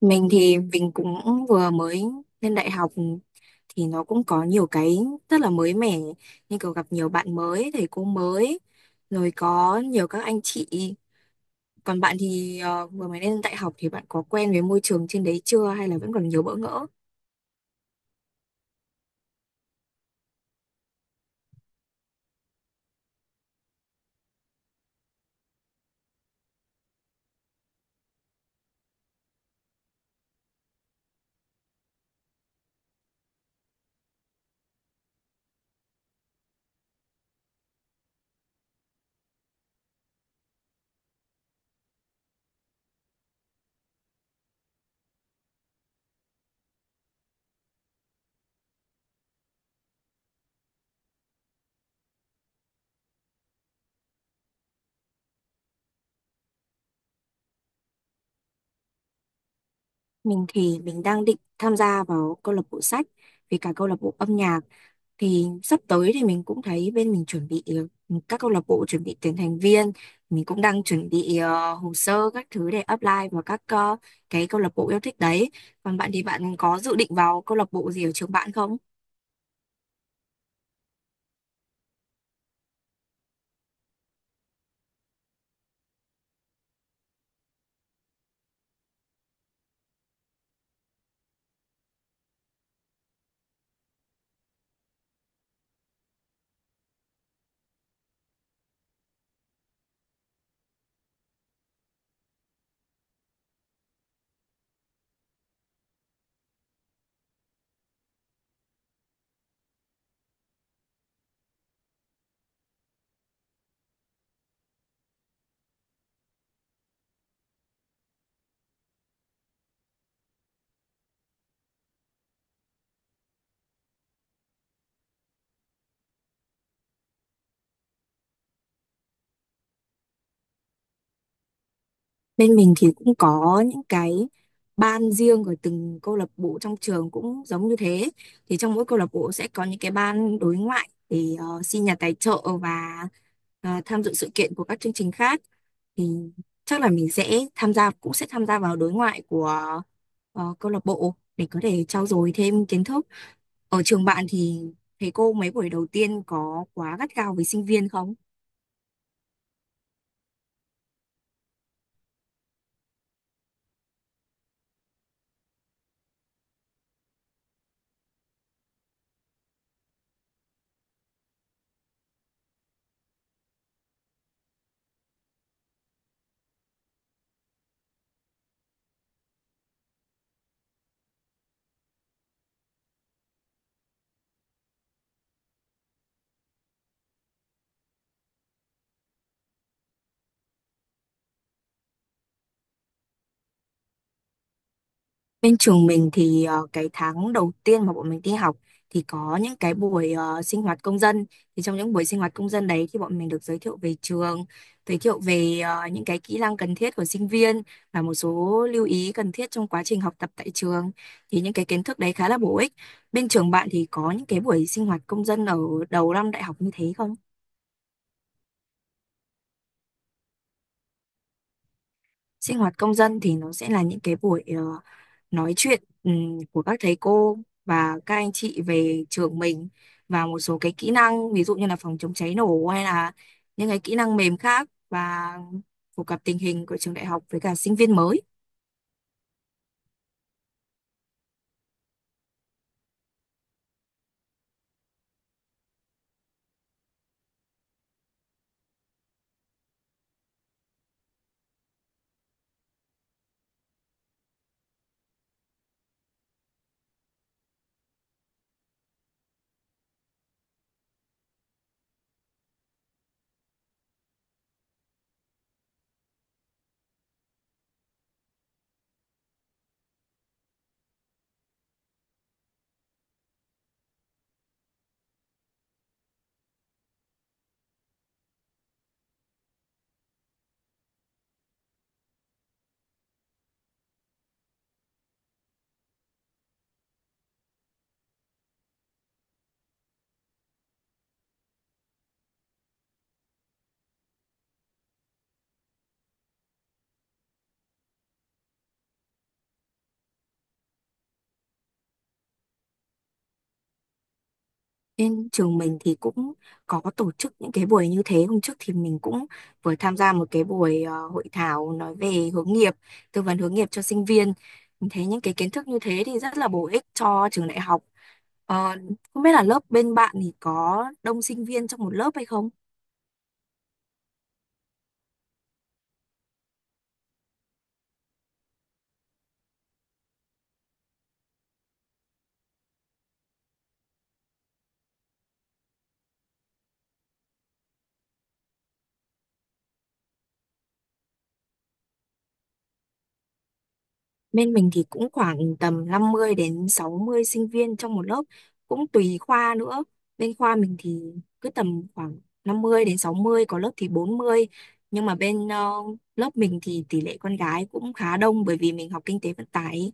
Mình thì mình cũng vừa mới lên đại học thì nó cũng có nhiều cái rất là mới mẻ như kiểu gặp nhiều bạn mới, thầy cô mới rồi có nhiều các anh chị. Còn bạn thì vừa mới lên đại học thì bạn có quen với môi trường trên đấy chưa hay là vẫn còn nhiều bỡ ngỡ? Mình thì mình đang định tham gia vào câu lạc bộ sách với cả câu lạc bộ âm nhạc thì sắp tới thì mình cũng thấy bên mình chuẩn bị các câu lạc bộ chuẩn bị tuyển thành viên. Mình cũng đang chuẩn bị hồ sơ các thứ để apply vào các cái câu lạc bộ yêu thích đấy. Còn bạn thì bạn có dự định vào câu lạc bộ gì ở trường bạn không? Bên mình thì cũng có những cái ban riêng của từng câu lạc bộ trong trường cũng giống như thế. Thì trong mỗi câu lạc bộ sẽ có những cái ban đối ngoại để xin nhà tài trợ và tham dự sự kiện của các chương trình khác. Thì chắc là mình sẽ tham gia cũng sẽ tham gia vào đối ngoại của câu lạc bộ để có thể trau dồi thêm kiến thức. Ở trường bạn thì thầy cô mấy buổi đầu tiên có quá gắt gao với sinh viên không? Bên trường mình thì cái tháng đầu tiên mà bọn mình đi học thì có những cái buổi sinh hoạt công dân. Thì trong những buổi sinh hoạt công dân đấy thì bọn mình được giới thiệu về trường, giới thiệu về những cái kỹ năng cần thiết của sinh viên và một số lưu ý cần thiết trong quá trình học tập tại trường. Thì những cái kiến thức đấy khá là bổ ích. Bên trường bạn thì có những cái buổi sinh hoạt công dân ở đầu năm đại học như thế không? Sinh hoạt công dân thì nó sẽ là những cái buổi nói chuyện của các thầy cô và các anh chị về trường mình và một số cái kỹ năng ví dụ như là phòng chống cháy nổ hay là những cái kỹ năng mềm khác, và phổ cập tình hình của trường đại học với cả sinh viên mới. Trên trường mình thì cũng có tổ chức những cái buổi như thế. Hôm trước thì mình cũng vừa tham gia một cái buổi hội thảo nói về hướng nghiệp, tư vấn hướng nghiệp cho sinh viên. Mình thấy những cái kiến thức như thế thì rất là bổ ích cho trường đại học. Ờ, Không biết là lớp bên bạn thì có đông sinh viên trong một lớp hay không? Bên mình thì cũng khoảng tầm 50 đến 60 sinh viên trong một lớp, cũng tùy khoa nữa. Bên khoa mình thì cứ tầm khoảng 50 đến 60, có lớp thì 40. Nhưng mà bên lớp mình thì tỷ lệ con gái cũng khá đông bởi vì mình học kinh tế vận tải ấy.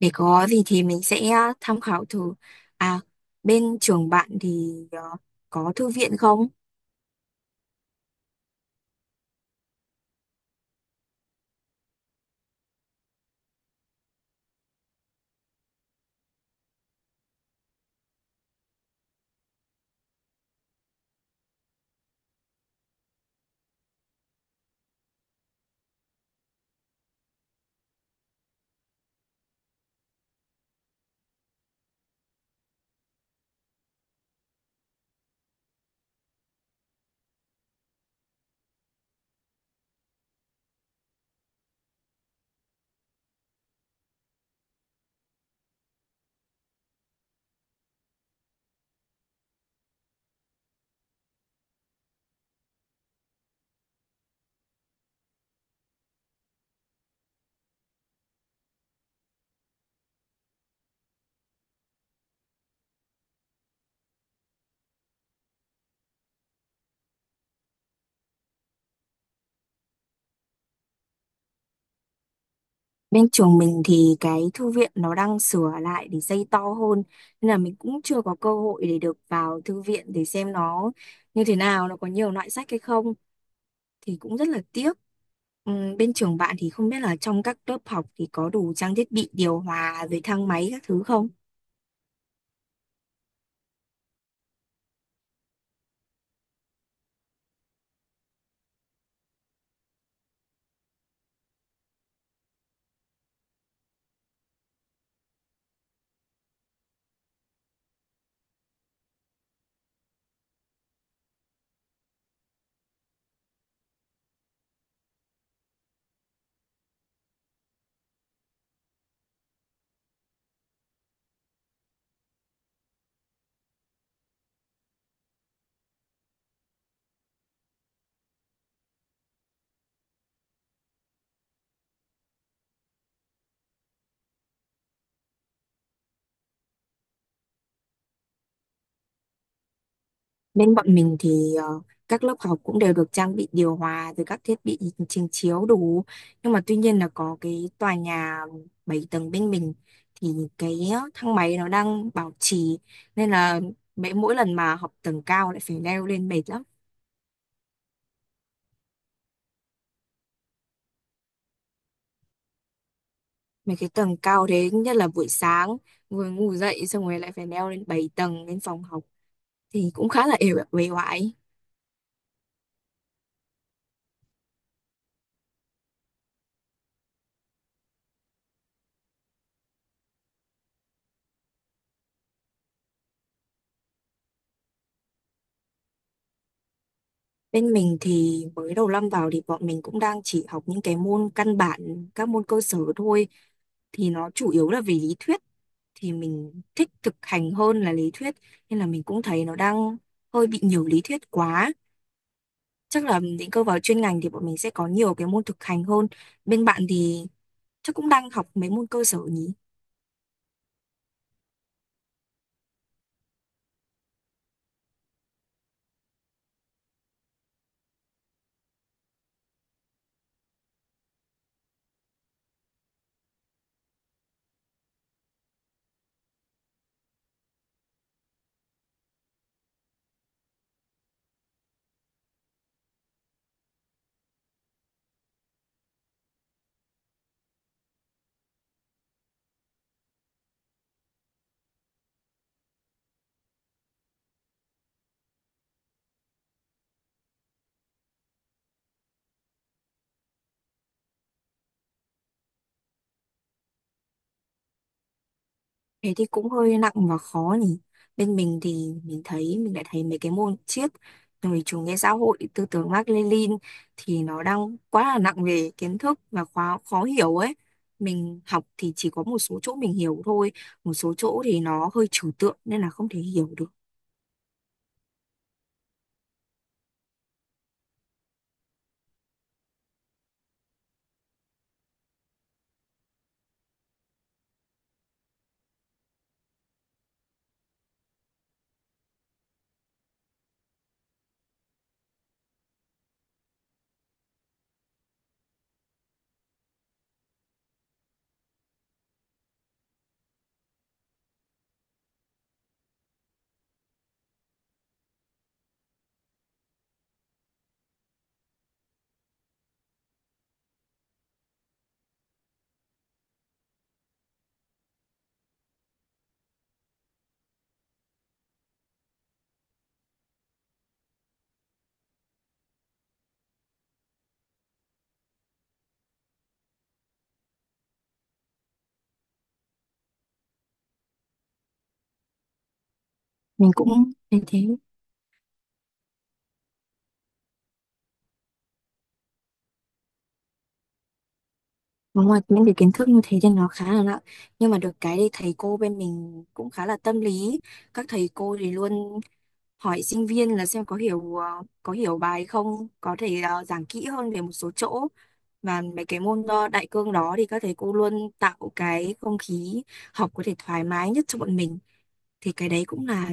Để có gì thì mình sẽ tham khảo thử. À, bên trường bạn thì có thư viện không? Bên trường mình thì cái thư viện nó đang sửa lại để xây to hơn nên là mình cũng chưa có cơ hội để được vào thư viện để xem nó như thế nào, nó có nhiều loại sách hay không, thì cũng rất là tiếc. Bên trường bạn thì không biết là trong các lớp học thì có đủ trang thiết bị điều hòa rồi thang máy các thứ không? Bên bọn mình thì các lớp học cũng đều được trang bị điều hòa rồi các thiết bị trình chiếu đủ. Nhưng mà tuy nhiên là có cái tòa nhà 7 tầng bên mình thì cái thang máy nó đang bảo trì nên là mỗi lần mà học tầng cao lại phải leo lên mệt lắm. Mấy cái tầng cao thế nhất là buổi sáng vừa ngủ dậy xong rồi lại phải leo lên 7 tầng lên phòng học thì cũng khá là uể oải. Bên mình thì mới đầu năm vào thì bọn mình cũng đang chỉ học những cái môn căn bản, các môn cơ sở thôi. Thì nó chủ yếu là về lý thuyết. Thì mình thích thực hành hơn là lý thuyết. Nên là mình cũng thấy nó đang hơi bị nhiều lý thuyết quá. Chắc là định cơ vào chuyên ngành thì bọn mình sẽ có nhiều cái môn thực hành hơn. Bên bạn thì chắc cũng đang học mấy môn cơ sở nhỉ? Thế thì cũng hơi nặng và khó nhỉ. Bên mình thì mình lại thấy mấy cái môn triết rồi chủ nghĩa xã hội tư tưởng Mác Lênin thì nó đang quá là nặng về kiến thức và khó khó hiểu ấy. Mình học thì chỉ có một số chỗ mình hiểu thôi, một số chỗ thì nó hơi trừu tượng nên là không thể hiểu được. Mình cũng thấy thế. Và ngoài những cái kiến thức như thế thì nó khá là nặng. Nhưng mà được cái thì thầy cô bên mình cũng khá là tâm lý. Các thầy cô thì luôn hỏi sinh viên là xem có hiểu có hiểu bài không, có thể giảng kỹ hơn về một số chỗ, và mấy cái môn đại cương đó thì các thầy cô luôn tạo cái không khí học có thể thoải mái nhất cho bọn mình, thì cái đấy cũng là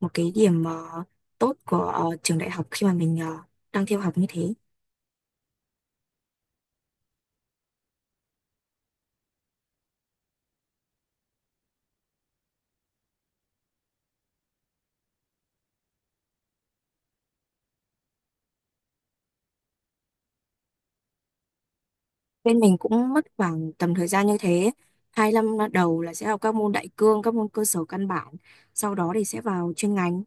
một cái điểm tốt của trường đại học khi mà mình đang theo học như thế. Bên mình cũng mất khoảng tầm thời gian như thế, 2 năm đầu là sẽ học các môn đại cương, các môn cơ sở căn bản, sau đó thì sẽ vào chuyên ngành.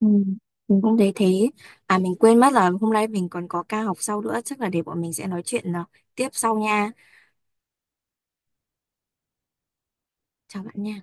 Ừ, mình cũng thấy thế. À, mình quên mất là hôm nay mình còn có ca học sau nữa, chắc là để bọn mình sẽ nói chuyện tiếp sau nha. Chào bạn nha.